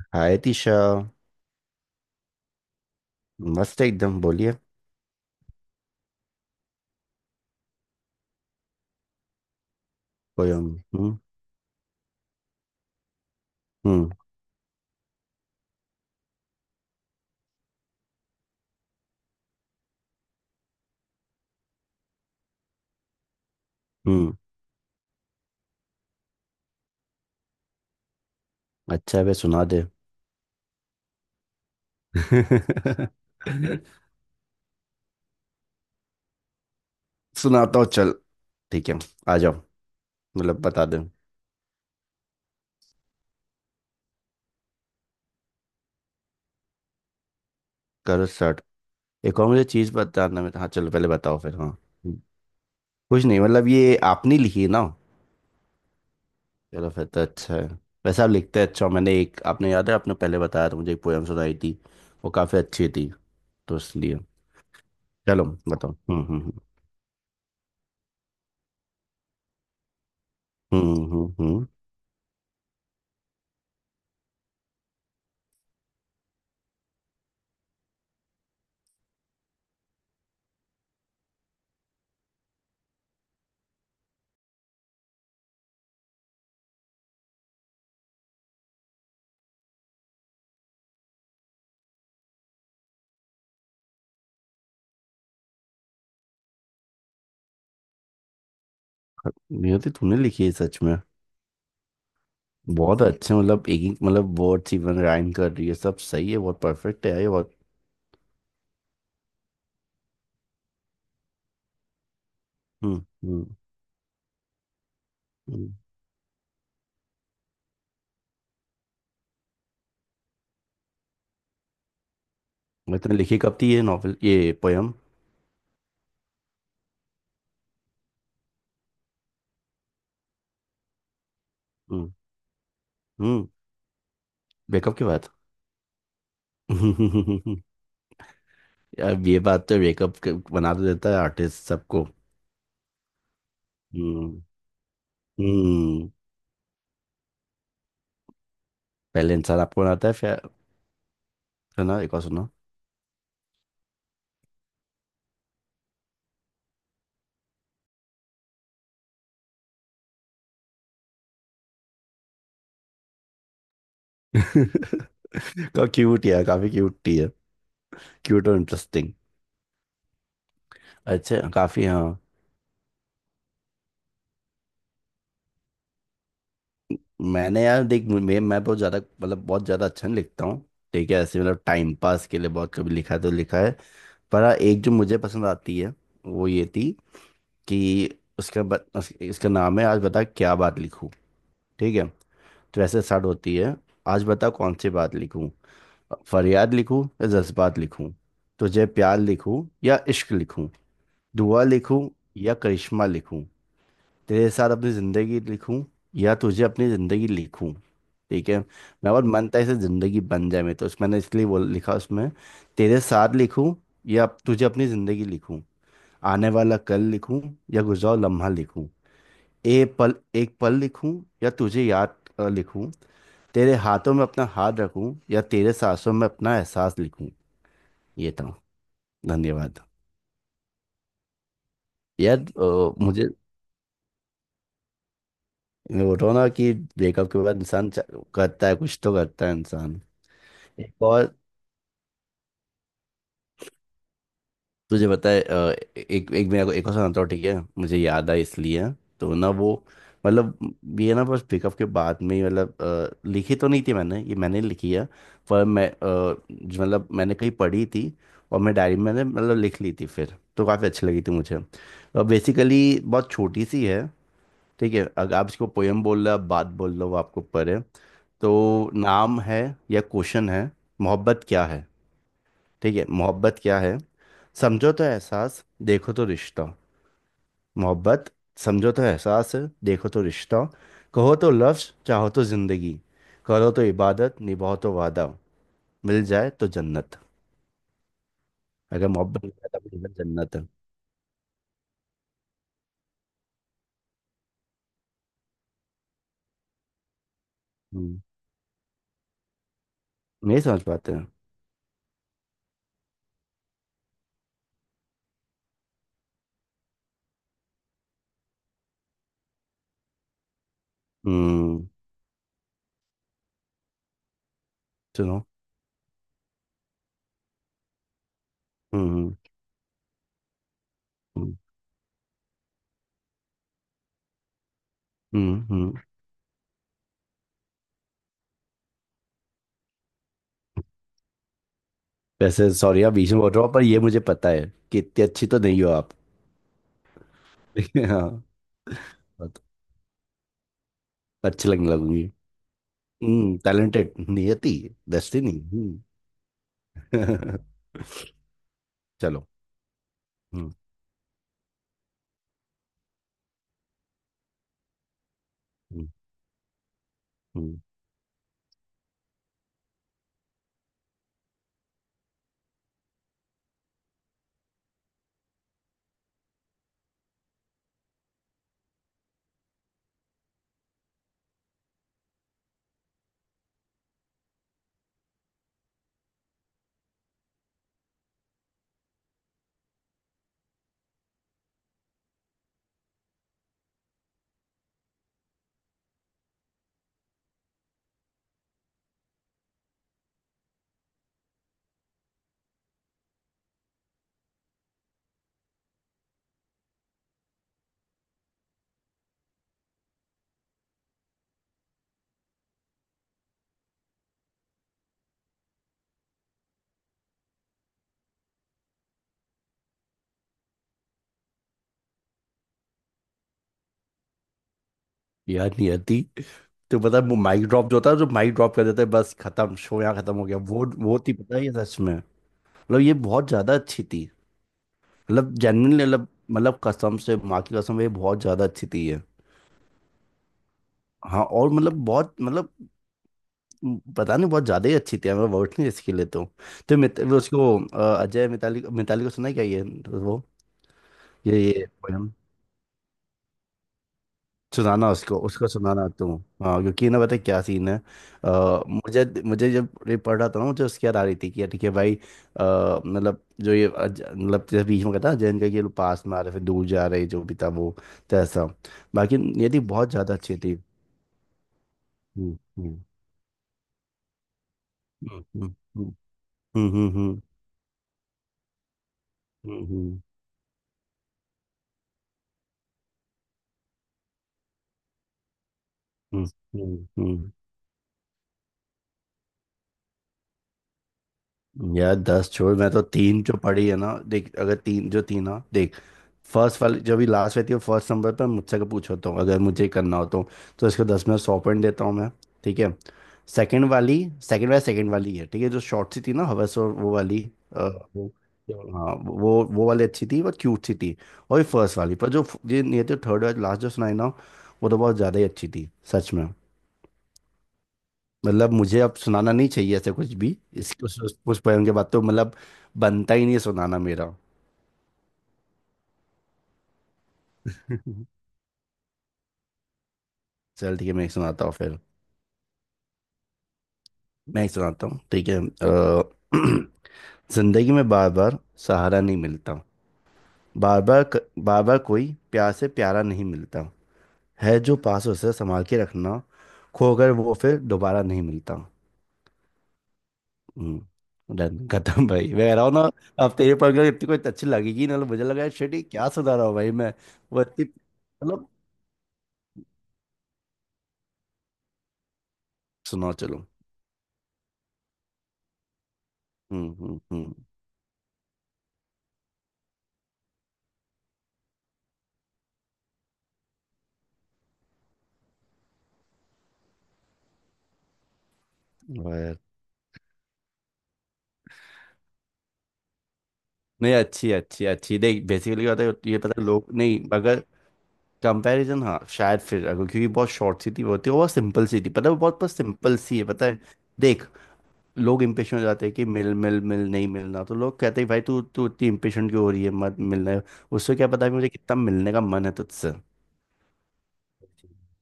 हाय तीशा। मस्त एकदम बोलिए। कोई हम हम्म। हम्म। हम्म। अच्छा है बे, सुना दे। सुनाता हूँ, चल। ठीक है, आ जाओ। मतलब बता दे। करो स्टार्ट। एक और मुझे चीज़ बताना में, हाँ चलो पहले बताओ फिर, हाँ। हम्म, कुछ नहीं, मतलब ये आपने लिखी है ना? चलो फिर तो अच्छा है। वैसे आप लिखते हैं, अच्छा हो। मैंने एक, आपने याद है आपने पहले बताया था, मुझे एक पोएम सुनाई थी। वो काफ़ी अच्छी थी, तो इसलिए। चलो बताओ। हम्म हम्म हम्म हम्म। नियति तूने लिखी है सच में? बहुत अच्छे, मतलब एक एक मतलब वर्ड इवन राइम कर रही है, सब सही है, बहुत परफेक्ट है ये बहुत। हम्म हम्म। हम्म। इतने लिखी कब थी ये नॉवेल, ये पोयम? हम्म। हम्म। ब्रेकअप के बाद। अब ये बात तो, ब्रेकअप बना तो देता है आर्टिस्ट सबको। हम्म। हम्म। पहले इंसान आपको बनाता है, फिर। सुना, एक और सुना। का क्यूट यार, काफी क्यूट थी है। क्यूट और इंटरेस्टिंग। अच्छा काफी, हाँ। मैंने यार, देख मैं बहुत ज़्यादा, मतलब बहुत ज़्यादा अच्छा नहीं लिखता हूँ। ठीक है, ऐसे मतलब टाइम पास के लिए बहुत कभी लिखा है तो लिखा है। पर हाँ, एक जो मुझे पसंद आती है वो ये थी। कि इसका नाम है आज बता क्या बात लिखूँ। ठीक है, तो ऐसे स्टार्ट होती है। आज बता कौन सी बात लिखूँ। फरियाद लिखूँ या जज्बात लिखूँ। तुझे प्यार लिखूँ या इश्क लिखूँ। दुआ लिखूँ या करिश्मा लिखूँ। तेरे साथ अपनी जिंदगी लिखूं या तुझे अपनी जिंदगी लिखूं। ठीक है, मैं बहुत मन था इसे जिंदगी बन जाए, मैं तो मैंने इसलिए बोल लिखा उसमें। तेरे साथ लिखूं या तुझे अपनी जिंदगी लिखूं। आने वाला कल लिखूं या गुजरा हुआ लम्हा लिखूं। ए पल, एक पल लिखूं या तुझे याद लिखूं। तेरे हाथों में अपना हाथ रखूं या तेरे सांसों में अपना एहसास लिखूं। ये था, धन्यवाद। यार मुझे। मैं बोल रहा हूं ना कि ब्रेकअप के बाद इंसान करता है, कुछ तो करता है इंसान। एक और। तुझे पता है एक, मेरा को एक और सुनाता हूँ, ठीक है, मुझे याद आया इसलिए। तो ना वो, मतलब ये ना बस पिकअप के बाद में ही मतलब लिखी तो नहीं थी मैंने, ये मैंने लिखी है। पर मैं जो मतलब मैंने कहीं पढ़ी थी, और मैं डायरी में मैंने मतलब लिख ली थी फिर तो। काफ़ी अच्छी लगी थी मुझे, और बेसिकली बहुत छोटी सी है। ठीक है, अगर आप इसको पोएम बोल रहे हो, आप बात बोल रहे हो आपको पर है। तो नाम है, या क्वेश्चन है, मोहब्बत क्या है। ठीक है, मोहब्बत क्या है। समझो तो एहसास, देखो तो रिश्ता। मोहब्बत समझो तो एहसास है, देखो तो रिश्ता। कहो तो लफ्ज, चाहो तो जिंदगी। करो तो इबादत, निभाओ तो वादा। मिल जाए तो जन्नत। अगर मोहब्बत मिल जाए तो मिल जाए जन्नत है। हम्म, नहीं समझ पाते हैं। हम्म। सुनो। हम्म हम्म हम्म। वैसे सॉरी आप बीच में बोल रहा हूँ, पर ये मुझे पता है कि इतनी अच्छी तो नहीं हो आप। हाँ। बहुत। अच्छी लगने लगूंगी। हम्म, टैलेंटेड नियति। डेस्टिनी हम्म। चलो। हम्म। हम्म। हम्म। याद नहीं आती। तो पता है वो माइक ड्रॉप जो होता है, जो माइक ड्रॉप कर देते हैं, बस खत्म, शो यहाँ खत्म हो गया, वो थी पता है ये, सच में। मतलब ये बहुत ज्यादा अच्छी थी। मतलब जेन्युइनली मतलब मतलब कसम से, माँ की कसम ये बहुत ज्यादा अच्छी थी ये। हाँ और मतलब बहुत मतलब पता नहीं, बहुत ज्यादा ही अच्छी थी। मैं वर्ड नहीं इसके लिए तो। तो वो उसको अजय, मिताली मिताली को सुना है क्या ये वो, ये poem? सुनाना उसको, उसको सुनाना तुम। हाँ क्योंकि ना पता है क्या सीन है। मुझे मुझे जब ये पढ़ रहा था ना, मुझे उसकी याद आ रही थी कि यार ठीक है भाई मतलब जो ये मतलब जैसे बीच में कहता जैन का कि ये लोग पास में आ रहे फिर दूर जा रहे, जो भी था वो। तो ऐसा। बाकी ये थी बहुत ज़्यादा अच्छी थी। हम्म हम्म हम्म हम्म हम्म हम्म हम्म हम्म हम्म हम्म हम्म, हम्म। यार दस छोड़, मैं तो तीन जो पढ़ी है ना देख, अगर तीन जो तीन ना देख। फर्स्ट वाली जो भी लास्ट रहती है फर्स्ट नंबर पर, मुझसे का पूछो तो अगर मुझे करना हो तो। तो इसको दस में सौ पॉइंट देता हूँ मैं। ठीक है। सेकंड वाली, सेकंड वाली है ठीक है, जो शॉर्ट सी थी ना हवस और वो वाली। अ, वो, क्या बोलूं, हाँ, वो वाली अच्छी थी, वो क्यूट सी थी। और ये फर्स्ट वाली पर जो, ये नहीं थी थर्ड वाली लास्ट जो सुनाई ना, वो तो बहुत ज़्यादा ही अच्छी थी सच में। मतलब मुझे अब सुनाना नहीं चाहिए ऐसे कुछ भी इस उस poem के बाद तो, मतलब बनता ही नहीं है सुनाना मेरा। चल ठीक है, मैं एक सुनाता हूँ फिर। मैं एक सुनाता हूँ ठीक है जिंदगी में बार बार सहारा नहीं मिलता। बार बार बार बार कोई प्यार से प्यारा नहीं मिलता। है जो पास उसे संभाल के रखना, खो कर वो फिर दोबारा नहीं मिलता। हम्म, डन, खत्म भाई, मैं कह रहा हूँ ना। अब तेरे पर अगर इतनी कोई अच्छी लगेगी ना तो, मुझे लगा शिट ये क्या सुना रहा हूँ भाई मैं। वो इतनी मतलब। सुनाओ चलो। हम्म। वाह यार। नहीं अच्छी अच्छी अच्छी, देख बेसिकली होता है ये पता है, लोग नहीं अगर कंपैरिजन, हाँ शायद फिर अगर क्योंकि बहुत शॉर्ट सी थी वो, थी वो बहुत सिंपल सी थी पता है, वो बहुत बस सिंपल सी है पता है। देख लोग इम्पेशेंट हो जाते हैं कि मिल मिल मिल, नहीं मिलना तो लोग कहते हैं भाई तू तू इतनी इम्पेशेंट क्यों हो रही है, मत मिलना है उससे। क्या पता है मुझे कितना मिलने का मन है तुझसे।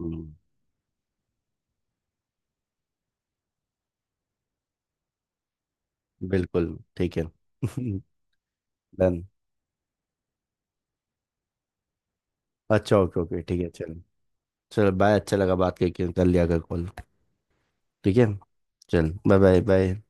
हम्म, बिल्कुल ठीक है। डन। अच्छा ओके ओके ठीक है चलो। चलो बाय, अच्छा लगा बात करके, कर लिया कर कॉल। ठीक है, चल बाय बाय बाय।